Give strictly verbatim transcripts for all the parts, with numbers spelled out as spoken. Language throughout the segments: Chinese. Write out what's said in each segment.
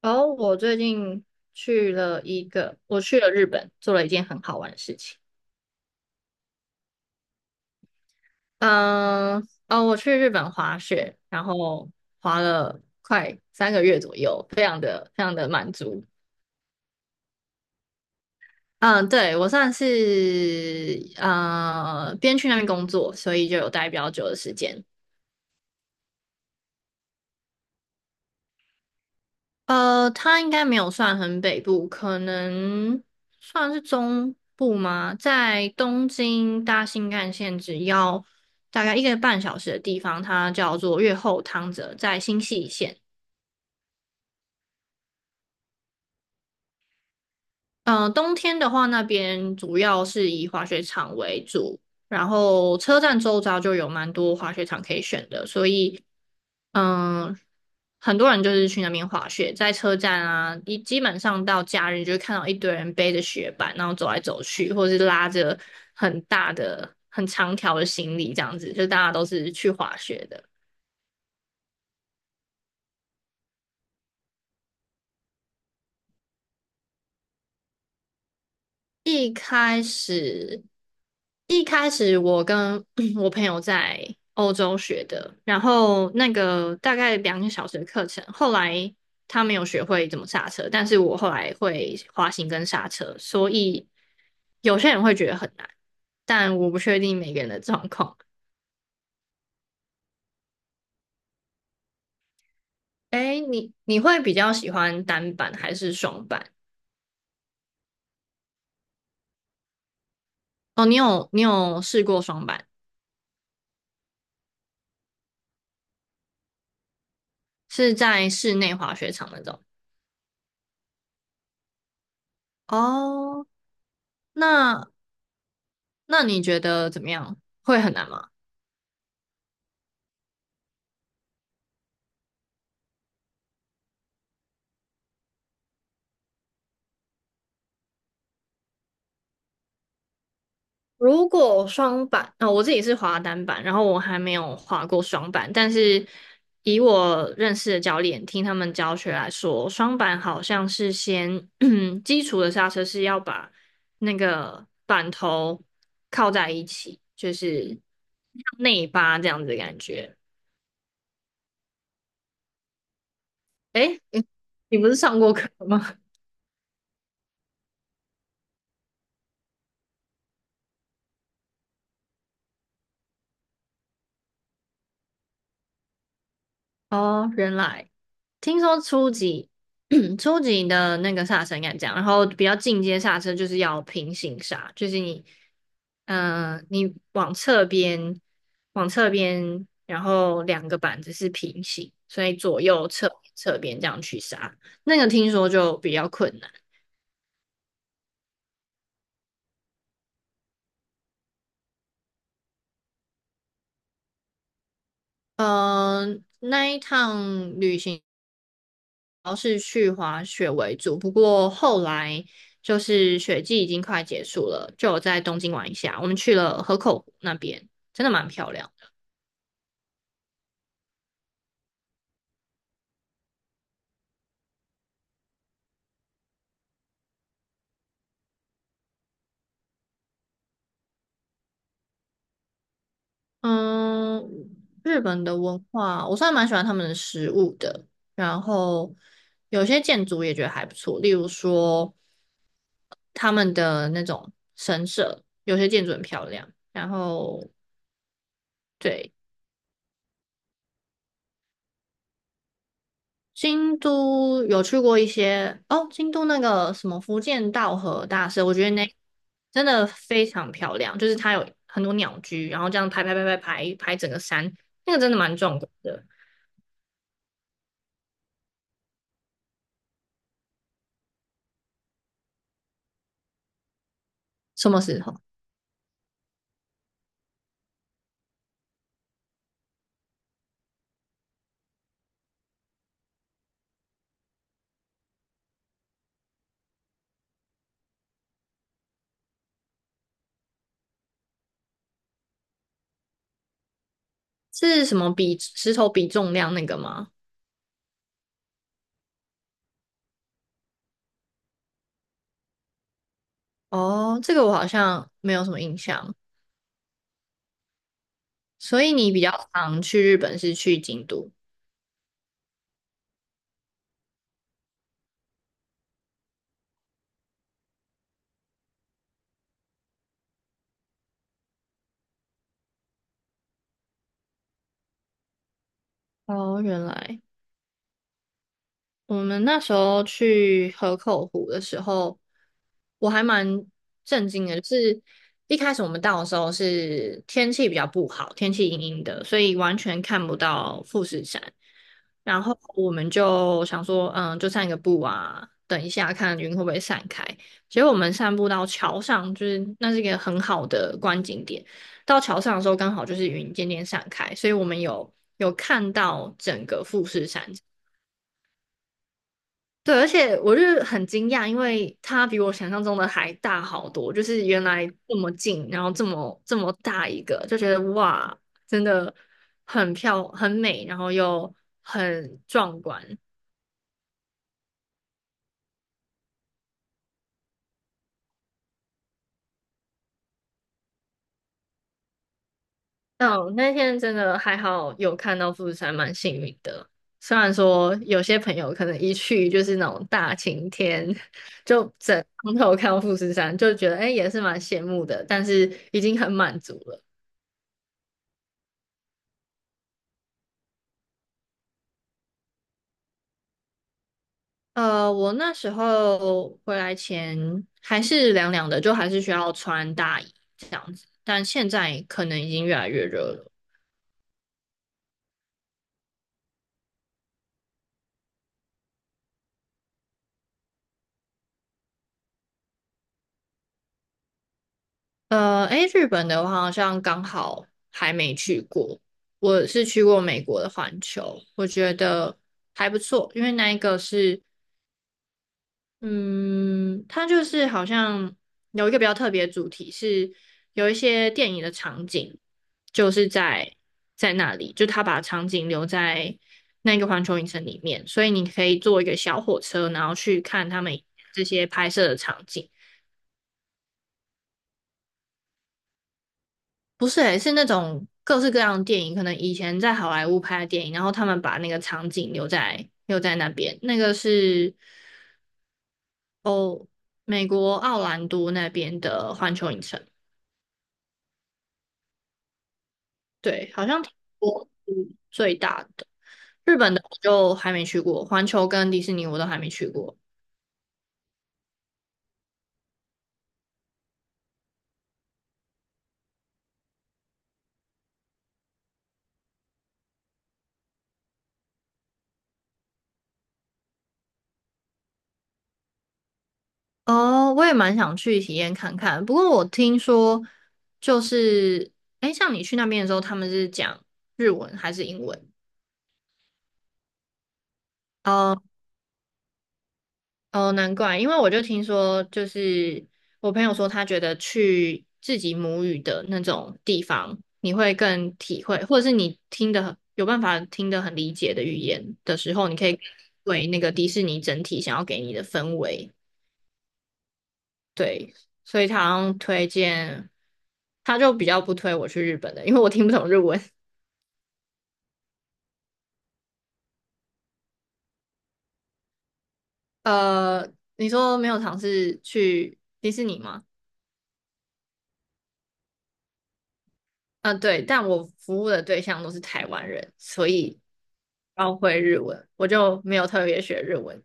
然后我最近去了一个，我去了日本，做了一件很好玩的事情。嗯，哦，我去日本滑雪，然后滑了快三个月左右，非常的非常的满足。嗯，对，我算是呃边去那边工作，所以就有待比较久的时间。呃，它应该没有算很北部，可能算是中部吗？在东京搭新干线只要大概一个半小时的地方，它叫做越后汤泽，在新泻县。呃，冬天的话，那边主要是以滑雪场为主，然后车站周遭就有蛮多滑雪场可以选的，所以嗯，很多人就是去那边滑雪，在车站啊，一基本上到假日就会看到一堆人背着雪板，然后走来走去，或者是拉着很大的、很长条的行李这样子，就大家都是去滑雪的。一开始，一开始我跟 我朋友在欧洲学的，然后那个大概两个小时的课程，后来他没有学会怎么刹车，但是我后来会滑行跟刹车，所以有些人会觉得很难，但我不确定每个人的状况。哎，你你会比较喜欢单板还是双板？哦，你有你有试过双板，是在室内滑雪场那种。哦，那那你觉得怎么样？会很难吗？如果双板，啊、我自己是滑单板，然后我还没有滑过双板，但是以我认识的教练听他们教学来说，双板好像是先 基础的刹车是要把那个板头靠在一起，就是像内八这样子的感觉。诶，你你不是上过课吗？哦，原来听说初级 初级的那个刹车应该这样，然后比较进阶刹车就是要平行刹，就是你，嗯、你往侧边，往侧边，然后两个板子是平行，所以左右侧侧边这样去刹，那个听说就比较困难。嗯、那一趟旅行。要是去滑雪为主，不过后来就是雪季已经快结束了，就有在东京玩一下。我们去了河口湖那边，真的蛮漂亮的。嗯，日本的文化，我算蛮喜欢他们的食物的，然后有些建筑也觉得还不错，例如说他们的那种神社，有些建筑很漂亮。然后对，京都有去过一些哦，京都那个什么福建道和大社，我觉得那真的非常漂亮，就是它有很多鸟居，然后这样排排排排排排整个山，那个真的蛮壮观的。什么时候？是什么比石头比重量那个吗？哦，这个我好像没有什么印象。所以你比较常去日本是去京都？哦，原来。我们那时候去河口湖的时候，我还蛮震惊的，就是一开始我们到的时候是天气比较不好，天气阴阴的，所以完全看不到富士山。然后我们就想说，嗯，就散个步啊，等一下看云会不会散开。结果我们散步到桥上，就是那是一个很好的观景点。到桥上的时候，刚好就是云渐渐散开，所以我们有有看到整个富士山。对，而且我就是很惊讶，因为它比我想象中的还大好多，就是原来这么近，然后这么这么大一个，就觉得哇，真的很漂很美，然后又很壮观。嗯，那天真的还好有看到富士山，蛮幸运的。虽然说有些朋友可能一去就是那种大晴天，就整从头看到富士山，就觉得哎、诶也是蛮羡慕的，但是已经很满足了。呃，我那时候回来前还是凉凉的，就还是需要穿大衣这样子，但现在可能已经越来越热了。呃，诶，日本的话好像刚好还没去过，我是去过美国的环球，我觉得还不错，因为那一个是嗯，它就是好像有一个比较特别的主题是有一些电影的场景，就是在在那里，就他把场景留在那个环球影城里面，所以你可以坐一个小火车，然后去看他们这些拍摄的场景。不是诶，是那种各式各样的电影，可能以前在好莱坞拍的电影，然后他们把那个场景留在留在那边，那个是哦，美国奥兰多那边的环球影城。对，好像我是最大的。日本的我就还没去过，环球跟迪士尼我都还没去过。哦，我也蛮想去体验看看。不过我听说，就是，哎，像你去那边的时候，他们是讲日文还是英文？哦，难怪，因为我就听说，就是我朋友说，他觉得去自己母语的那种地方，你会更体会，或者是你听的有办法听得很理解的语言的时候，你可以为那个迪士尼整体想要给你的氛围。对，所以他好像推荐，他就比较不推我去日本的，因为我听不懂日文。呃，你说没有尝试去迪士尼吗？嗯、对，但我服务的对象都是台湾人，所以包会日文，我就没有特别学日文。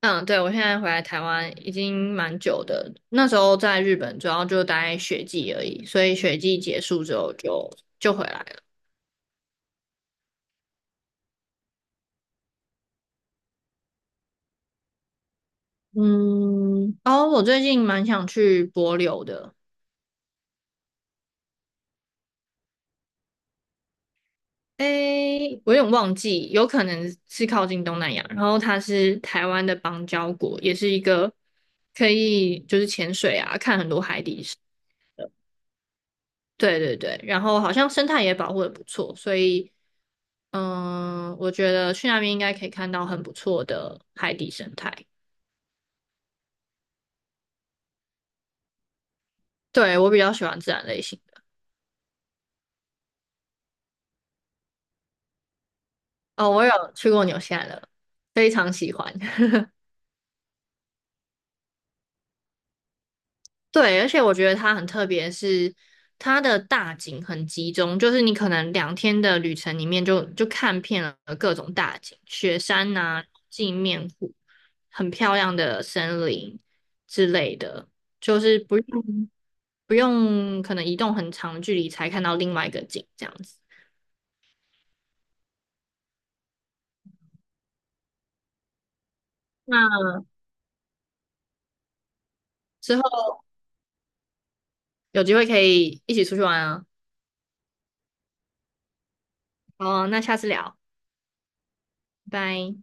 嗯，对，我现在回来台湾已经蛮久的，那时候在日本主要就待学季而已，所以学季结束之后就就回来了。嗯，哦，我最近蛮想去帛琉的，诶，我有点忘记，有可能是靠近东南亚，然后它是台湾的邦交国，也是一个可以就是潜水啊，看很多海底。对对对，然后好像生态也保护的不错，所以嗯，我觉得去那边应该可以看到很不错的海底生态。对，我比较喜欢自然类型的。哦，我有去过纽西兰了，非常喜欢。对，而且我觉得它很特别是，它的大景很集中，就是你可能两天的旅程里面就就看遍了各种大景，雪山呐、镜面湖，很漂亮的森林之类的，就是不用不用可能移动很长的距离才看到另外一个景这样子。那之后有机会可以一起出去玩啊。好，那下次聊，拜拜。